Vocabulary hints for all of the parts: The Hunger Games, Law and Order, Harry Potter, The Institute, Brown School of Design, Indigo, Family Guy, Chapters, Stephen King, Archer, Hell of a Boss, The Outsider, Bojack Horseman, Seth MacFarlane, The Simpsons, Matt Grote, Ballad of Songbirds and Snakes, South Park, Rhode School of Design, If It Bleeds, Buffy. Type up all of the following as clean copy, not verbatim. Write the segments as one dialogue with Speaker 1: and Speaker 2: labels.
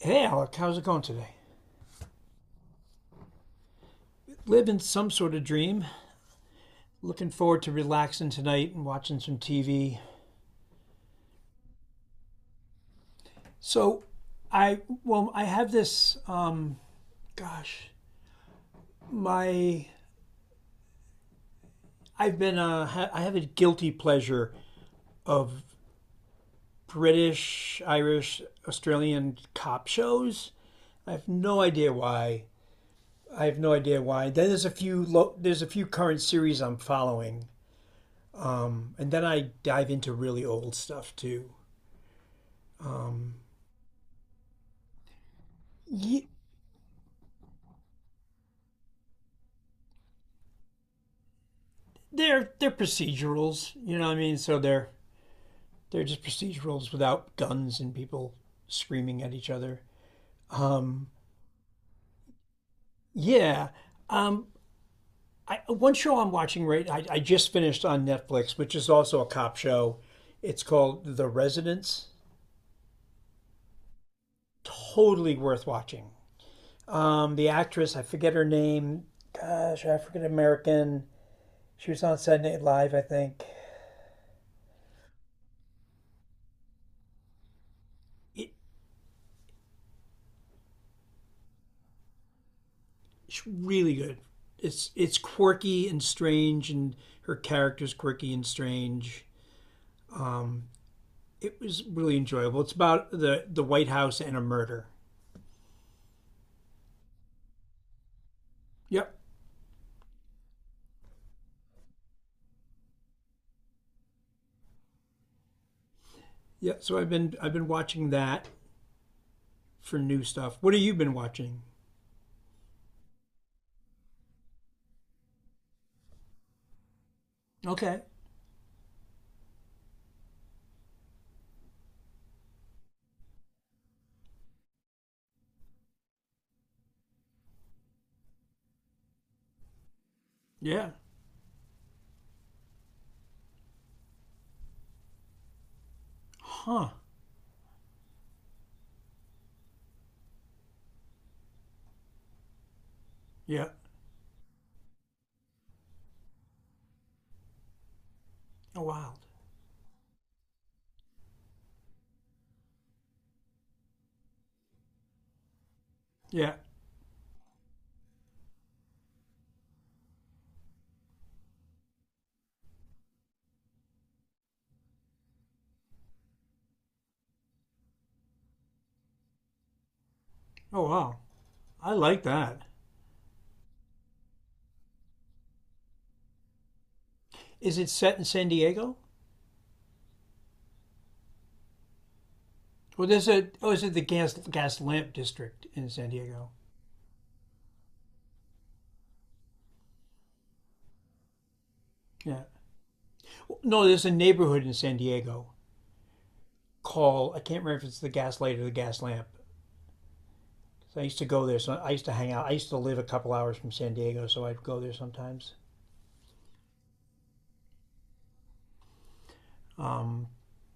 Speaker 1: Hey, Alec, how's it going today? Living some sort of dream. Looking forward to relaxing tonight and watching some TV. So, I well, I have this. Gosh, my I've been I have a guilty pleasure of British, Irish, Australian cop shows. I have no idea why. I have no idea why. Then there's a few current series I'm following, and then I dive into really old stuff too. Ye- they're procedurals, you know what I mean? So they're just procedurals without guns and people screaming at each other. Um, yeah. Um, One show I'm watching right, I just finished on Netflix, which is also a cop show. It's called The Residence. Totally worth watching. The actress, I forget her name. Gosh, African American. She was on Saturday Night Live, I think. It, It's really good. It's quirky and strange, and her character's quirky and strange. It was really enjoyable. It's about the White House and a murder. Yep, yep. So I've been watching that for new stuff. What have you been watching? Okay. Yeah. Huh. Yeah. Oh wow. Yeah. Oh wow. I like that. Is it set in San Diego? Well, there's a oh, is it the gas lamp district in San Diego? Yeah. Well, no, there's a neighborhood in San Diego call. I can't remember if it's the Gaslight or the Gas lamp. So I used to go there. So I used to hang out. I used to live a couple hours from San Diego, so I'd go there sometimes. Um,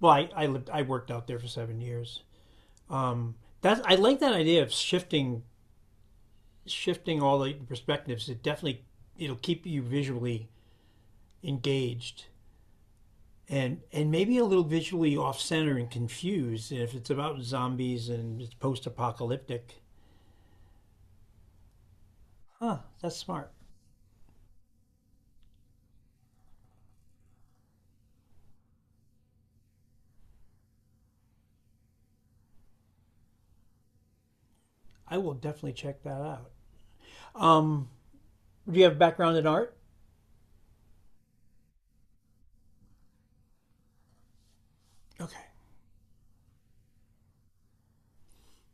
Speaker 1: well, I lived. I worked out there for 7 years. Um, that's. I like that idea of shifting all the perspectives. It'll keep you visually engaged and maybe a little visually off center and confused, and if it's about zombies and it's post apocalyptic. Huh, that's smart. I will definitely check that out. Um, Do you have a background in art? Okay.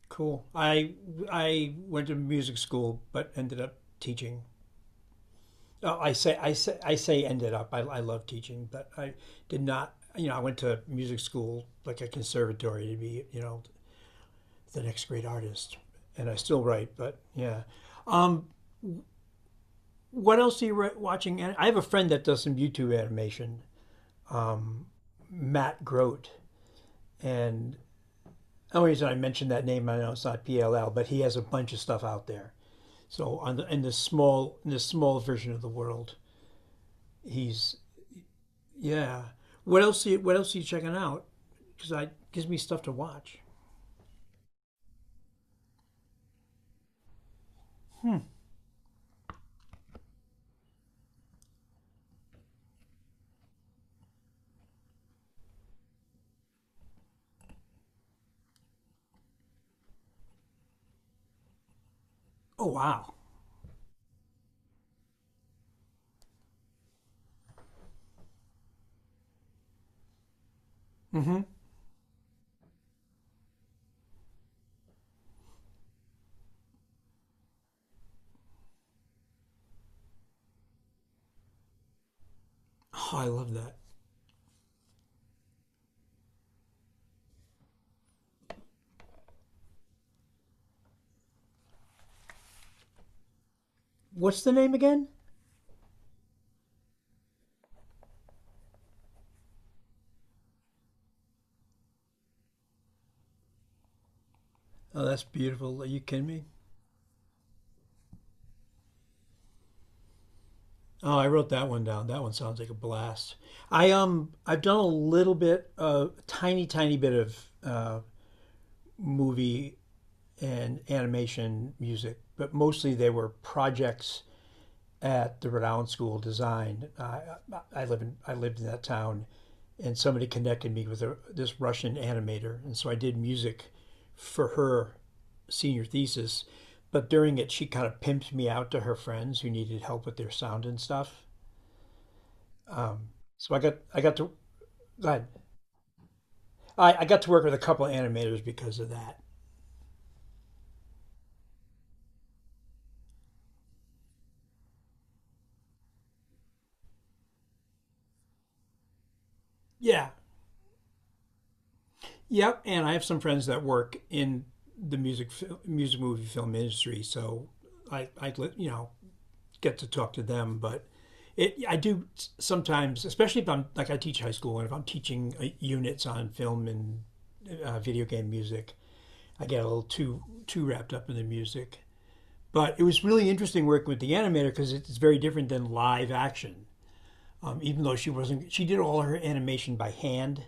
Speaker 1: Cool. I went to music school, but ended up teaching. Oh, I say ended up. I love teaching, but I did not. You know, I went to music school, like a conservatory, to be the next great artist. And I still write, but yeah. What else are you watching? And I have a friend that does some YouTube animation, Matt Grote, and the only reason I mentioned that name, I know it's not PLL, but he has a bunch of stuff out there. So in this small version of the world, he's yeah. What else? What else are you checking out? Because I gives me stuff to watch. Oh wow. Mm-hmm. Oh, I love that. What's the name again? Oh, that's beautiful. Are you kidding me? Oh, I wrote that one down. That one sounds like a blast. I've done a little bit, a tiny tiny bit of uh, movie and animation music, but mostly they were projects at the Rhode School of Design. I lived in that town, and somebody connected me with this Russian animator, and so I did music for her senior thesis. But during it, she kind of pimped me out to her friends who needed help with their sound and stuff. So I got to go ahead. I got to work with a couple of animators because of that. Yeah, yep. And I have some friends that work in the music movie film industry, so I get to talk to them, but it I do sometimes, especially if I'm like I teach high school and if I'm teaching units on film and video game music, I get a little too wrapped up in the music. But it was really interesting working with the animator because it's very different than live action. Even though she wasn't, she did all her animation by hand.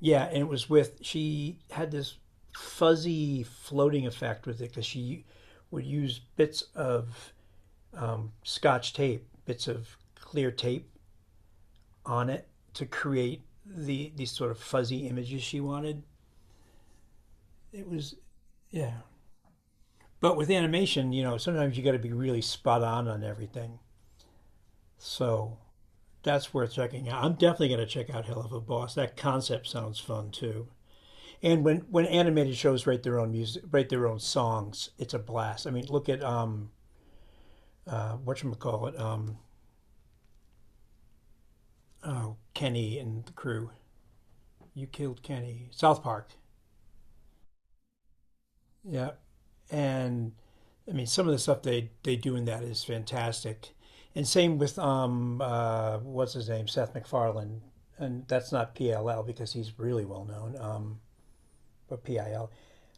Speaker 1: Yeah, and it was with she had this fuzzy floating effect with it because she would use bits of scotch tape, bits of clear tape, on it to create these sort of fuzzy images she wanted. It was Yeah. But with animation, sometimes you got to be really spot on everything. So that's worth checking out. I'm definitely going to check out Hell of a Boss. That concept sounds fun too. And when animated shows write their own music, write their own songs, it's a blast. I mean, look at whatchamacallit, oh, Kenny and the crew. You killed Kenny. South Park. Yeah. And I mean, some of the stuff they do in that is fantastic. And same with what's his name, Seth MacFarlane, and that's not PLL because he's really well known. But PIL.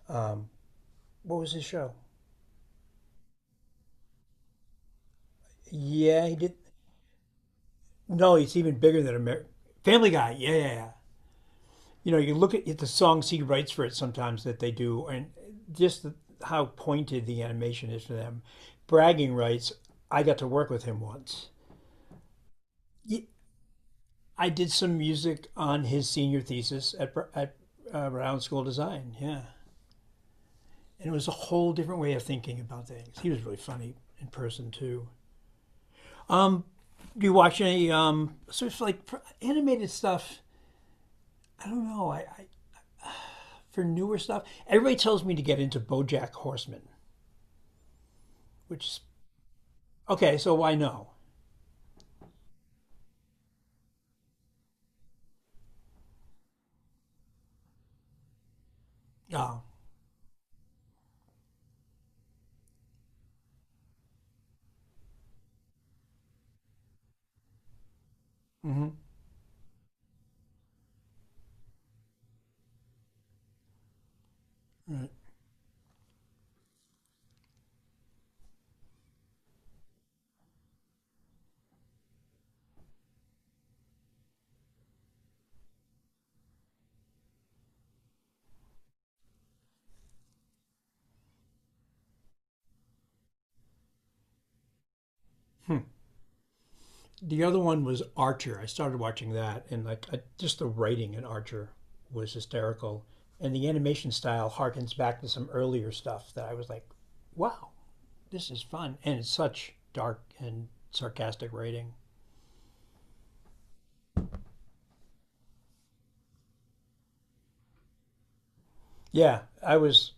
Speaker 1: Um, what was his show? Yeah, he did. No, it's even bigger than Family Guy. Yeah, yeah, yeah. You know, you look at the songs he writes for it sometimes that they do, and just the, how pointed the animation is for them. Bragging rights. I got to work with him once. Y- I did some music on his senior thesis at Brown School of Design. Yeah. And it was a whole different way of thinking about things. He was really funny in person, too. Do you watch any sort of like animated stuff? I don't know. I For newer stuff, everybody tells me to get into Bojack Horseman, which, okay, so why no? Oh, the other one was Archer. I started watching that, and like just the writing in Archer was hysterical, and the animation style harkens back to some earlier stuff that I was like, "Wow, this is fun!" And it's such dark and sarcastic writing. Yeah, I was,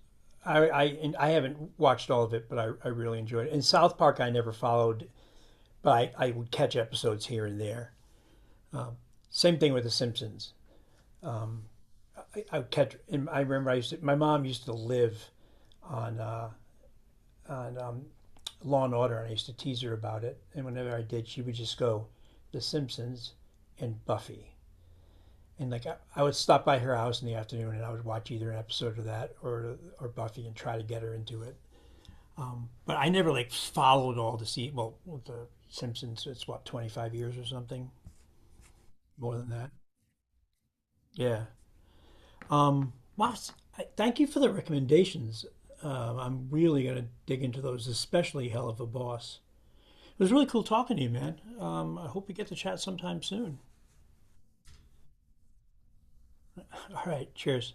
Speaker 1: I, and I haven't watched all of it, but I really enjoyed it. And South Park I never followed, but I would catch episodes here and there. Same thing with The Simpsons. I would catch, and I remember my mom used to live on Law and Order, and I used to tease her about it. And whenever I did, she would just go, The Simpsons and Buffy. And like I would stop by her house in the afternoon, and I would watch either an episode of that or Buffy, and try to get her into it. But I never like followed all the se well, with the Simpsons. It's what 25 years or something more than that. Yeah. Wow. Thank you for the recommendations. I'm really gonna dig into those, especially Hell of a Boss. It was really cool talking to you, man. I hope we get to chat sometime soon. All right, cheers.